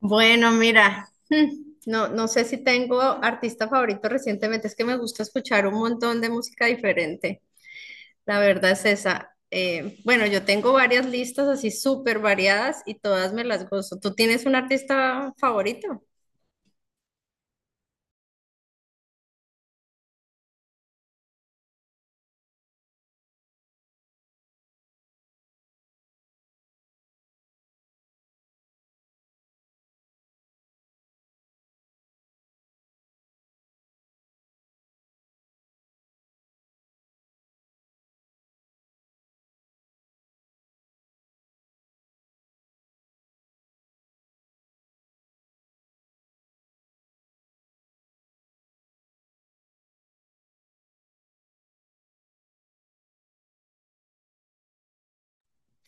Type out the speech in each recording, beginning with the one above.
Bueno, mira, no sé si tengo artista favorito recientemente, es que me gusta escuchar un montón de música diferente, la verdad es esa. Bueno, yo tengo varias listas así súper variadas y todas me las gozo. ¿Tú tienes un artista favorito?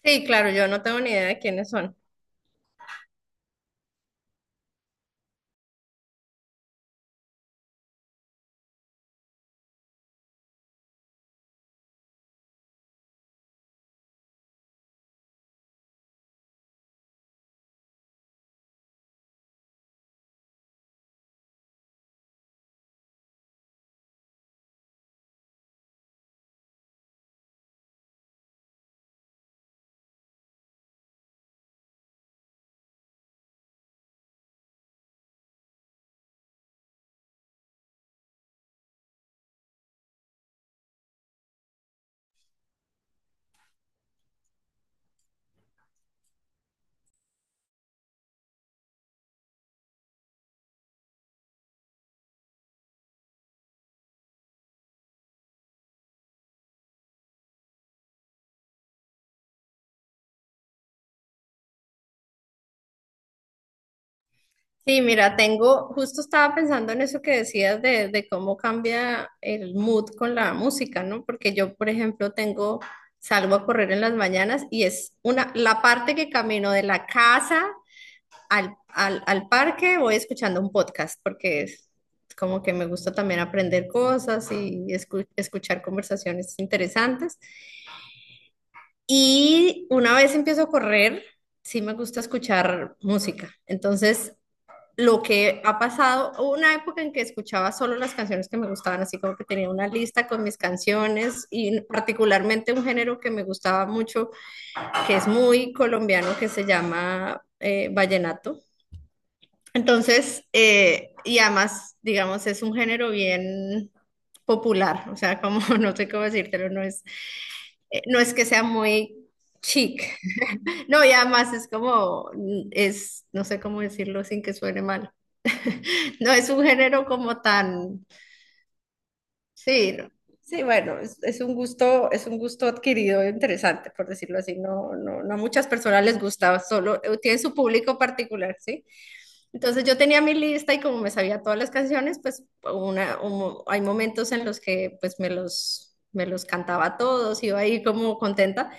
Sí, claro, yo no tengo ni idea de quiénes son. Sí, mira, justo estaba pensando en eso que decías de cómo cambia el mood con la música, ¿no? Porque yo, por ejemplo, salgo a correr en las mañanas y es una, la parte que camino de la casa al parque voy escuchando un podcast, porque es como que me gusta también aprender cosas y escuchar conversaciones interesantes. Y una vez empiezo a correr, sí me gusta escuchar música. Entonces lo que ha pasado, una época en que escuchaba solo las canciones que me gustaban, así como que tenía una lista con mis canciones y particularmente un género que me gustaba mucho, que es muy colombiano, que se llama vallenato. Entonces, y además, digamos, es un género bien popular, o sea, como no sé cómo decírtelo, no es que sea muy chic, no, y además es como, es, no sé cómo decirlo sin que suene mal. No es un género como tan, sí, no. Sí, bueno, es un gusto adquirido interesante, por decirlo así. No, no, no a muchas personas les gusta, solo tiene su público particular, ¿sí? Entonces yo tenía mi lista y como me sabía todas las canciones, pues una, un hay momentos en los que pues me los cantaba todos, iba ahí como contenta,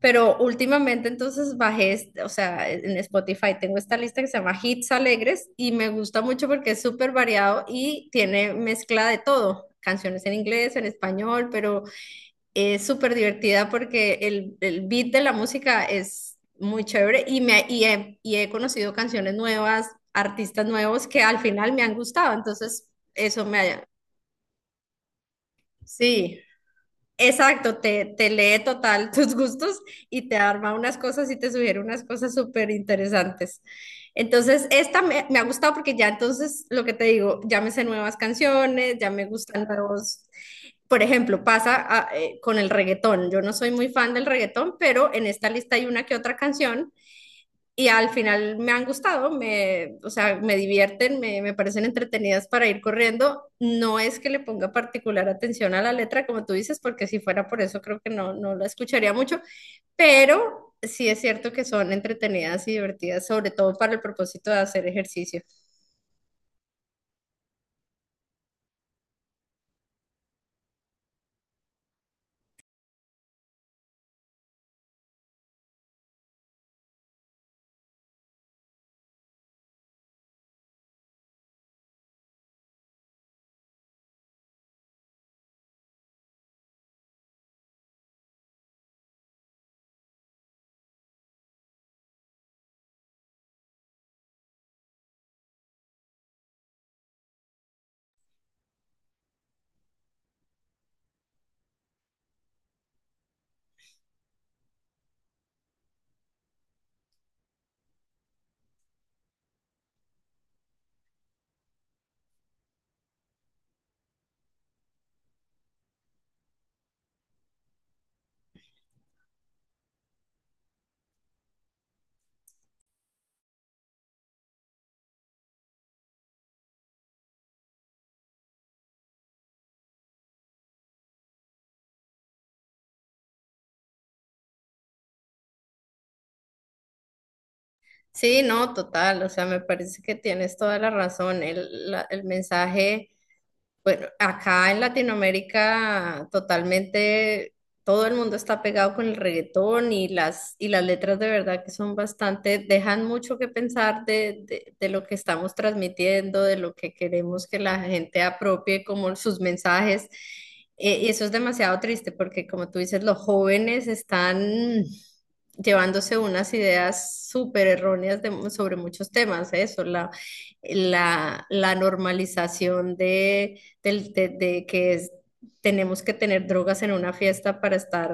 pero últimamente entonces o sea, en Spotify tengo esta lista que se llama Hits Alegres y me gusta mucho porque es súper variado y tiene mezcla de todo, canciones en inglés, en español, pero es súper divertida porque el beat de la música es muy chévere y he conocido canciones nuevas, artistas nuevos que al final me han gustado. Entonces, eso me ha... Sí. Exacto, te lee total tus gustos y te arma unas cosas y te sugiere unas cosas súper interesantes. Entonces, me ha gustado porque ya entonces, lo que te digo, ya me sé nuevas canciones, ya me gustan nuevos... Por ejemplo, con el reggaetón. Yo no soy muy fan del reggaetón, pero en esta lista hay una que otra canción y al final me han o sea, me me parecen entretenidas para ir corriendo. No es que le ponga particular atención a la letra, como tú dices, porque si fuera por eso creo que no, no la escucharía mucho, pero sí es cierto que son entretenidas y divertidas, sobre todo para el propósito de hacer ejercicio. Sí, no, total, o sea, me parece que tienes toda la razón. El mensaje. Bueno, acá en Latinoamérica totalmente todo el mundo está pegado con el reggaetón y y las letras de verdad que son bastante, dejan mucho que pensar de lo que estamos transmitiendo, de lo que queremos que la gente apropie como sus mensajes. Y eso es demasiado triste porque como tú dices, los jóvenes están llevándose unas ideas súper erróneas sobre muchos temas, ¿eh? La normalización de que tenemos que tener drogas en una fiesta para estar,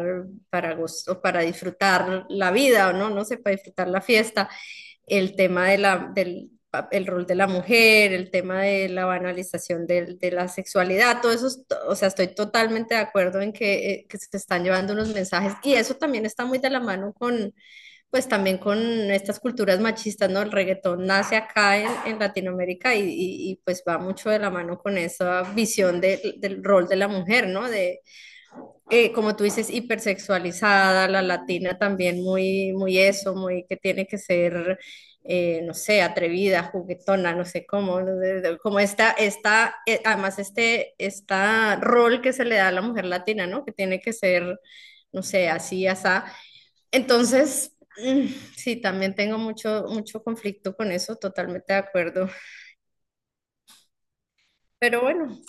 para gozo, para disfrutar la vida, o no, no sé, para disfrutar la fiesta, el tema de la, del el rol de la mujer, el tema de la banalización la sexualidad, todo eso, o sea, estoy totalmente de acuerdo en que se están llevando unos mensajes y eso también está muy de la mano con pues también con estas culturas machistas, ¿no? El reggaetón nace acá en Latinoamérica pues va mucho de la mano con esa visión del rol de la mujer, ¿no? De, como tú dices, hipersexualizada, la latina también muy eso, muy que tiene que ser, no sé, atrevida, juguetona, no sé cómo, ¿no? Como además esta rol que se le da a la mujer latina, ¿no? Que tiene que ser, no sé, así, asá. Entonces, mm, sí, también tengo mucho conflicto con eso, totalmente de acuerdo. Pero bueno,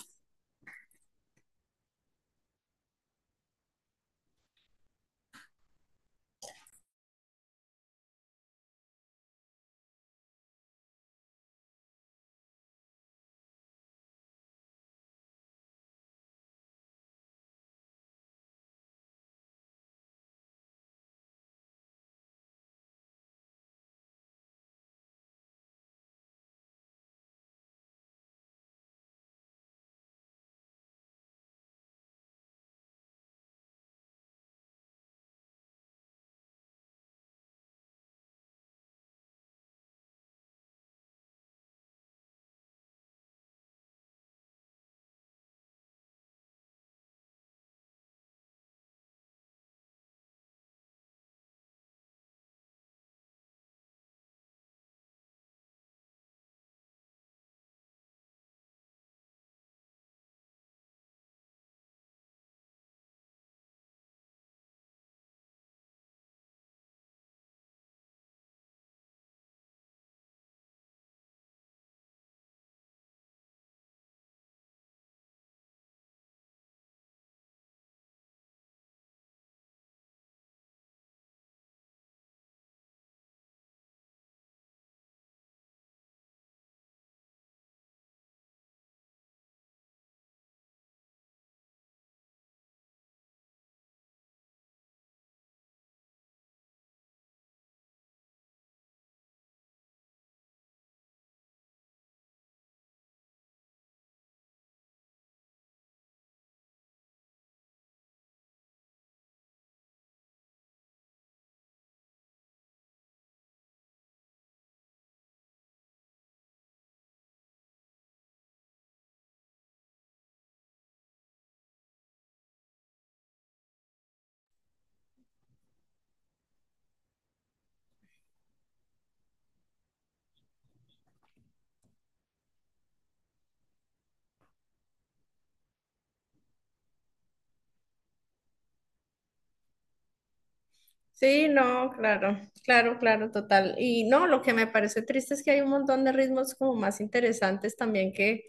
sí, no, claro, claro, claro, total. Y no, lo que me parece triste es que hay un montón de ritmos como más interesantes también que,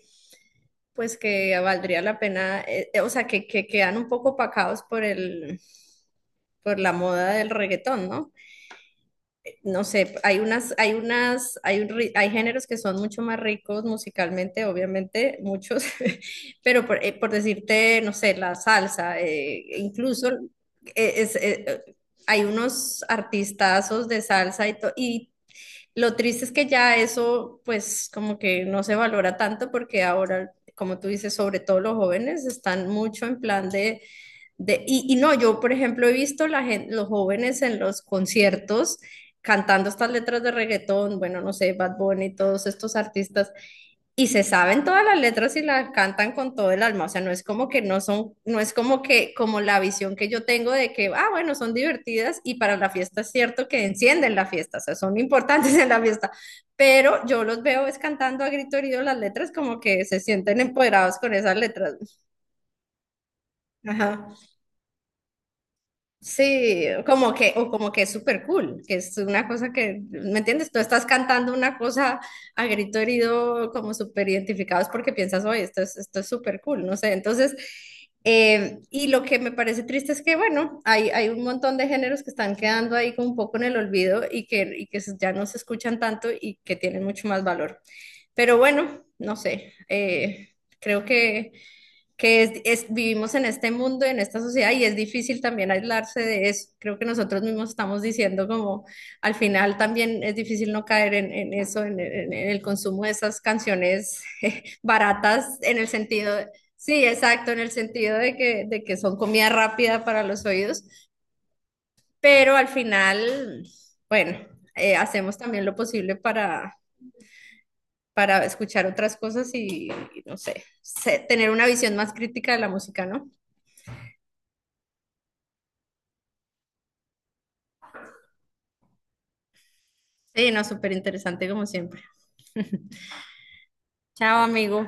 pues que valdría la pena, o sea, que quedan un poco opacados por por la moda del reggaetón, ¿no? No sé, hay unas, hay unas, hay, un ri- hay géneros que son mucho más ricos musicalmente, obviamente, muchos, pero por decirte, no sé, la salsa, incluso eh, es- eh, eh, hay unos artistazos de salsa y lo triste es que ya eso, pues, como que no se valora tanto porque ahora, como tú dices, sobre todo los jóvenes están mucho en plan de no, yo por ejemplo he visto los jóvenes en los conciertos cantando estas letras de reggaetón, bueno, no sé, Bad Bunny, todos estos artistas, y se saben todas las letras y las cantan con todo el alma, o sea, no es como que no son, no es como que, como la visión que yo tengo de que, ah, bueno, son divertidas y para la fiesta es cierto que encienden la fiesta, o sea, son importantes en la fiesta, pero yo los veo es cantando a grito herido las letras como que se sienten empoderados con esas letras. Ajá. Sí, como que, o como que es súper cool, que es una cosa que, ¿me entiendes? Tú estás cantando una cosa a grito herido, como súper identificados porque piensas, oye, esto es súper cool, no sé. Entonces, y lo que me parece triste es que, bueno, hay un montón de géneros que están quedando ahí como un poco en el olvido y que ya no se escuchan tanto y que tienen mucho más valor. Pero bueno, no sé, creo que vivimos en este mundo, en esta sociedad, y es difícil también aislarse de eso. Creo que nosotros mismos estamos diciendo como al final también es difícil no caer en eso, en el consumo de esas canciones baratas, en el sentido, sí, exacto, en el sentido de que son comida rápida para los oídos, pero al final, bueno, hacemos también lo posible para escuchar otras cosas y no sé, tener una visión más crítica de la música, ¿no? Sí, no, súper interesante como siempre. Chao, amigo.